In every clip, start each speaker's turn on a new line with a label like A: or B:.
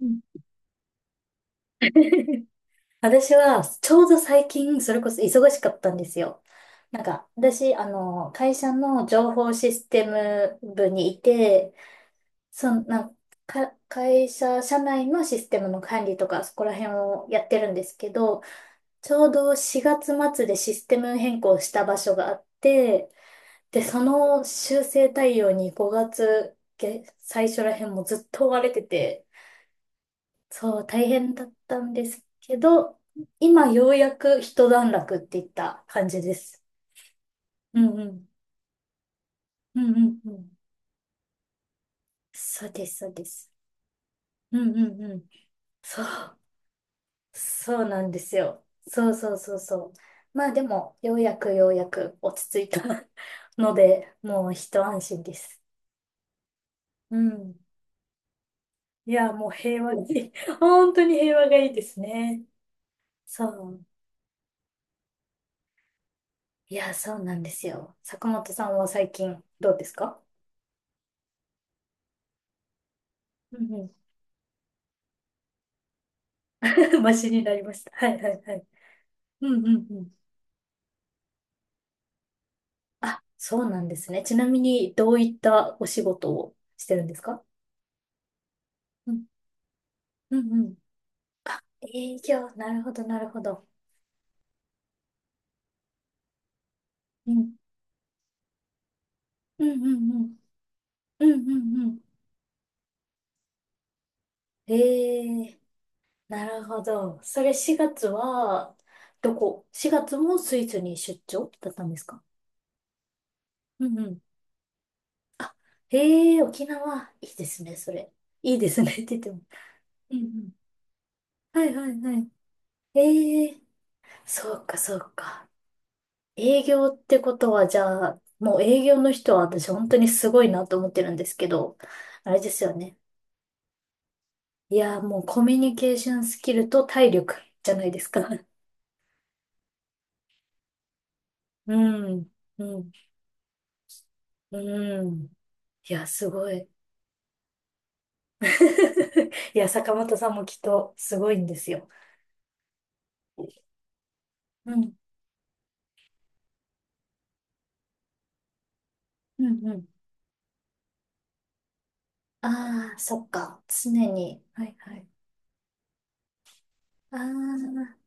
A: うん。 私は、ちょうど最近、それこそ忙しかったんですよ。私、会社の情報システム部にいて、そんな、か、会社、社内のシステムの管理とか、そこら辺をやってるんですけど、ちょうど4月末でシステム変更した場所があって、で、その修正対応に5月、最初ら辺もずっと追われてて、そう、大変だったんですけど、今ようやく一段落っていった感じです。うんうん。うんうんうん。そうです、そうです。うんうんうん。そう、そうなんですよ。そうそうそうそう。まあでも、ようやく落ち着いた ので、もう一安心です。うん。いや、もう平和がいい。本当に平和がいいですね。そう。いや、そうなんですよ。坂本さんは最近どうですか？うん。 マシになりました。はいはいはい。うんうんうん。あ、そうなんですね。ちなみに、どういったお仕事をしてるんですか？うんうんうん。あ、営業。なるほどなるほど。うん。うんうんうん。うんうんうん。ええ、なるほど。それ4月は、どこ？ 4 月もスイスに出張だったんですか？うんうん。あ、ええ、沖縄。いいですね、それ。いいですねって言っても。うんうん。はいはいはい。ええ。そうか、そうか。営業ってことは、じゃあ、もう営業の人は私本当にすごいなと思ってるんですけど、あれですよね。いやもうコミュニケーションスキルと体力じゃないですか。うん、うん、うん。いや、すごい。いや、坂本さんもきっとすごいんですよ。うん、うん、うん。ああ、そっか。常に。はいはい。ああ、う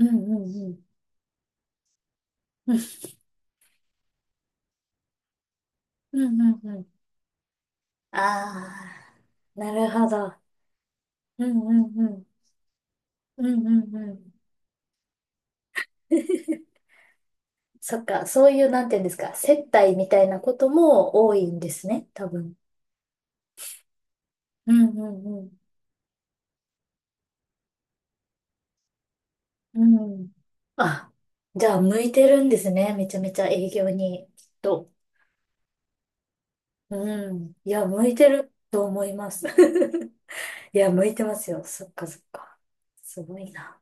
A: んうんうん。うんうんうん。ああ、なるほど。うんうんうん。うんうんうん。そっか、そういう、なんていうんですか、接待みたいなことも多いんですね、多分。うんうんうん。うん。あ、じゃあ、向いてるんですね、めちゃめちゃ営業に、きっと。うん。いや、向いてると思います。いや、向いてますよ。そっかそっか。すごいな。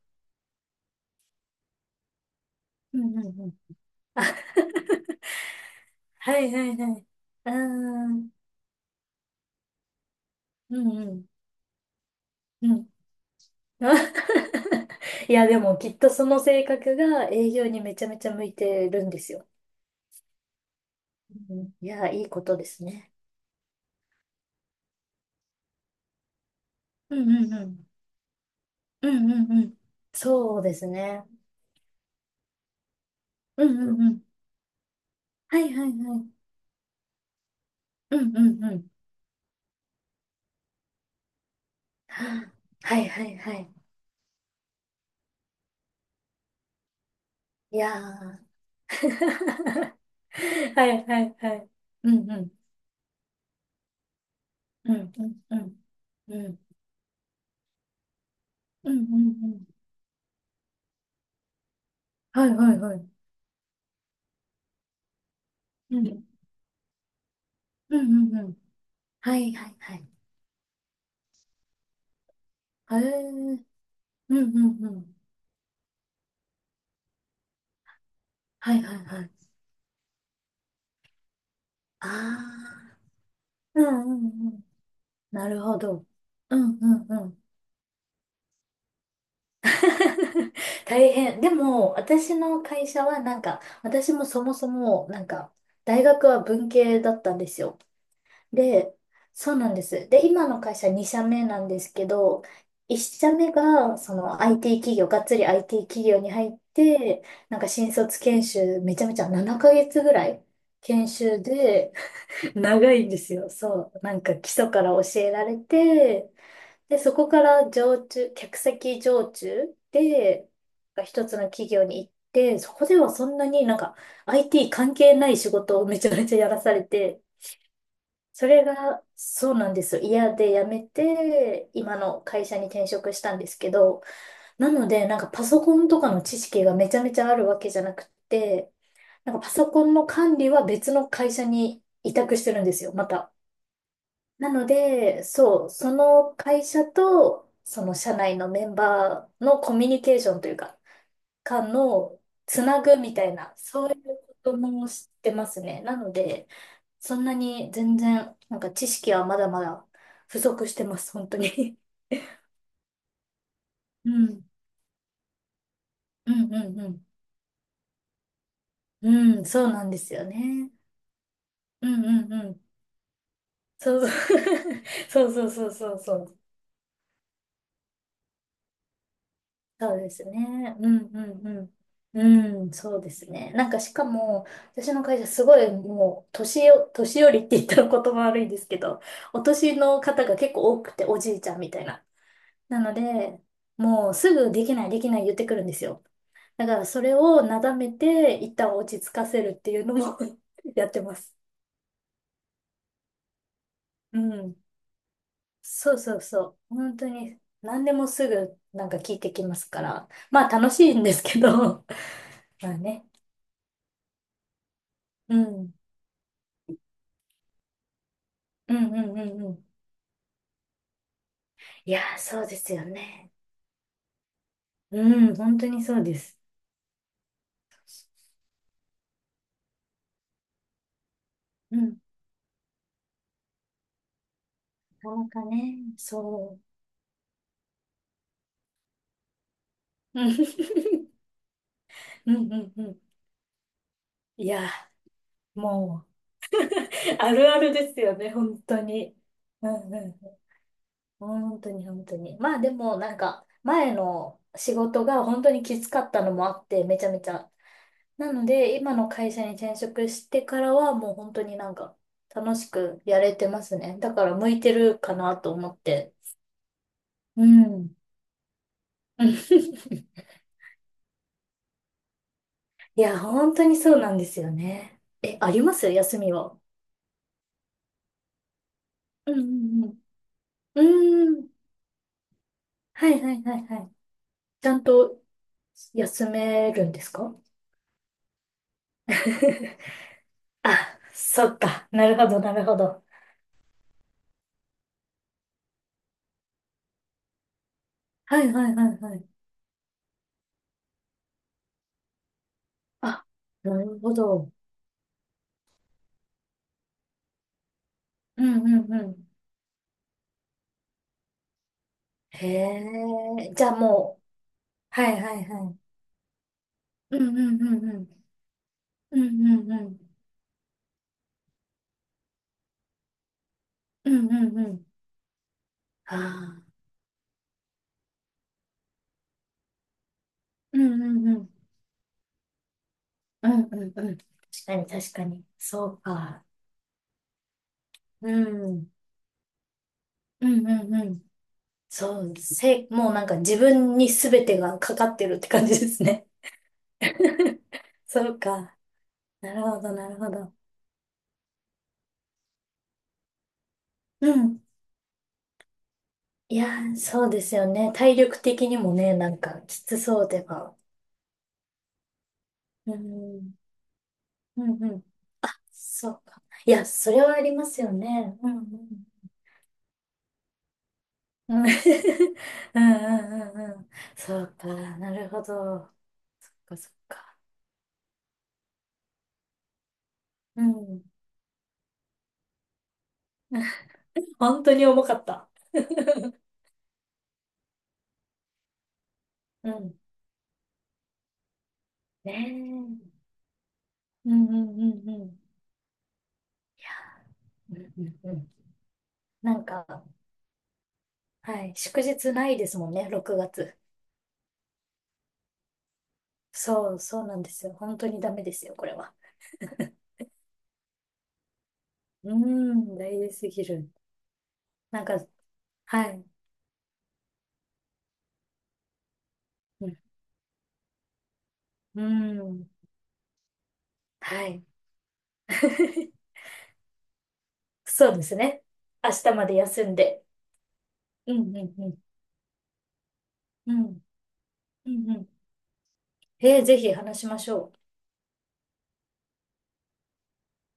A: うんうんうん。あ、はいはいはい。あー。うんうん。うん。 いや、でもきっとその性格が営業にめちゃめちゃ向いてるんですよ。うん。いや、いいことですね。うんうんうん。うんうんうん。そうですね。うんうんうん。はいはいはい。うんうんうん。はあ、はいはいはい。いやー。はいはいはい。うんうんうんうんうんうんうんうんうん。はいはいはい。うんうんうんうん。はいはいはい。へえ。うんうんうん。はいはいはい。ああ、うんうんうん。なるほど。うんうんうん。大変。でも、私の会社はなんか、私もそもそも、大学は文系だったんですよ。で、そうなんです。で、今の会社2社目なんですけど、1社目が、その IT 企業、がっつり IT 企業に入って、なんか新卒研修、めちゃめちゃ7ヶ月ぐらい研修で、長いんですよ。そう。なんか基礎から教えられて、で、そこから常駐、客先常駐で、一つの企業に行って、そこではそんなになんか IT 関係ない仕事をめちゃめちゃやらされて、それがそうなんですよ。嫌で辞めて、今の会社に転職したんですけど、なのでなんかパソコンとかの知識がめちゃめちゃあるわけじゃなくて、なんかパソコンの管理は別の会社に委託してるんですよ、また。なので、そう、その会社と、その社内のメンバーのコミュニケーションというか、間のつなぐみたいな、そういうことも知ってますね。なので、そんなに全然、なんか知識はまだまだ不足してます、本当に。うん、うん、うん、うん。うん、そうなんですよね。うん、うん、うん。そうそう。そうそうそうそうそう。そうですね。うんうんうん。うん、そうですね。なんかしかも、私の会社すごいもう、年寄りって言ったら言葉悪いんですけど、お年の方が結構多くて、おじいちゃんみたいな。なので、もうすぐできないできない言ってくるんですよ。だからそれをなだめて、一旦落ち着かせるっていうのも やってます。うん。そうそうそう。本当に、何でもすぐなんか聞いてきますから。まあ楽しいんですけど、まあね。うん。うんうんうんうん。いやー、そうですよね。うん、本当にそうです。うん、なかなかね、そう。うん。 うんうんうん。いやー、もう、あるあるですよね、本当に。うんうん。本当に本当に。まあでも、なんか、前の仕事が本当にきつかったのもあって、めちゃめちゃ。なので、今の会社に転職してからは、もう本当になんか、楽しくやれてますね。だから、向いてるかなと思って。うん。うん。 いや、本当にそうなんですよね。え、あります休みは？うんうんうん。うーん。はいはいはいはい。ちゃんと休めるんですか？ あ、そっか。なるほどなるほど。はいはいはいはい。あ、なるほど。うんうんうん。へえ。じゃあもう。はいはいはい。うんうんうんうん。うんうんうん。うんうんうん。ああ。うんうんうん。うんうんうん。確かに確かに。そうか。うん。うんうんうん。そう、もうなんか自分に全てがかかってるって感じですね。そうか。なるほど、なるほど。うん。いやー、そうですよね。体力的にもね、なんかきつそうでは。うん。うんうん。そうか。いや、それはありますよね。うんうん。うん。 うんうんうんうん。そうか。なるほど。そっかそっか。うん。本当に重かった。うん。ねえ。うんうんうんうん。うんうんうん。なんか、はい。祝日ないですもんね、6月。そう、そうなんですよ。本当にダメですよ、これは。うーん、大事すぎる。なんか、はい。うん、うーん、はい。そうですね。明日まで休んで。うんうんうん。うんうんうん。えー、ぜひ話しましょう。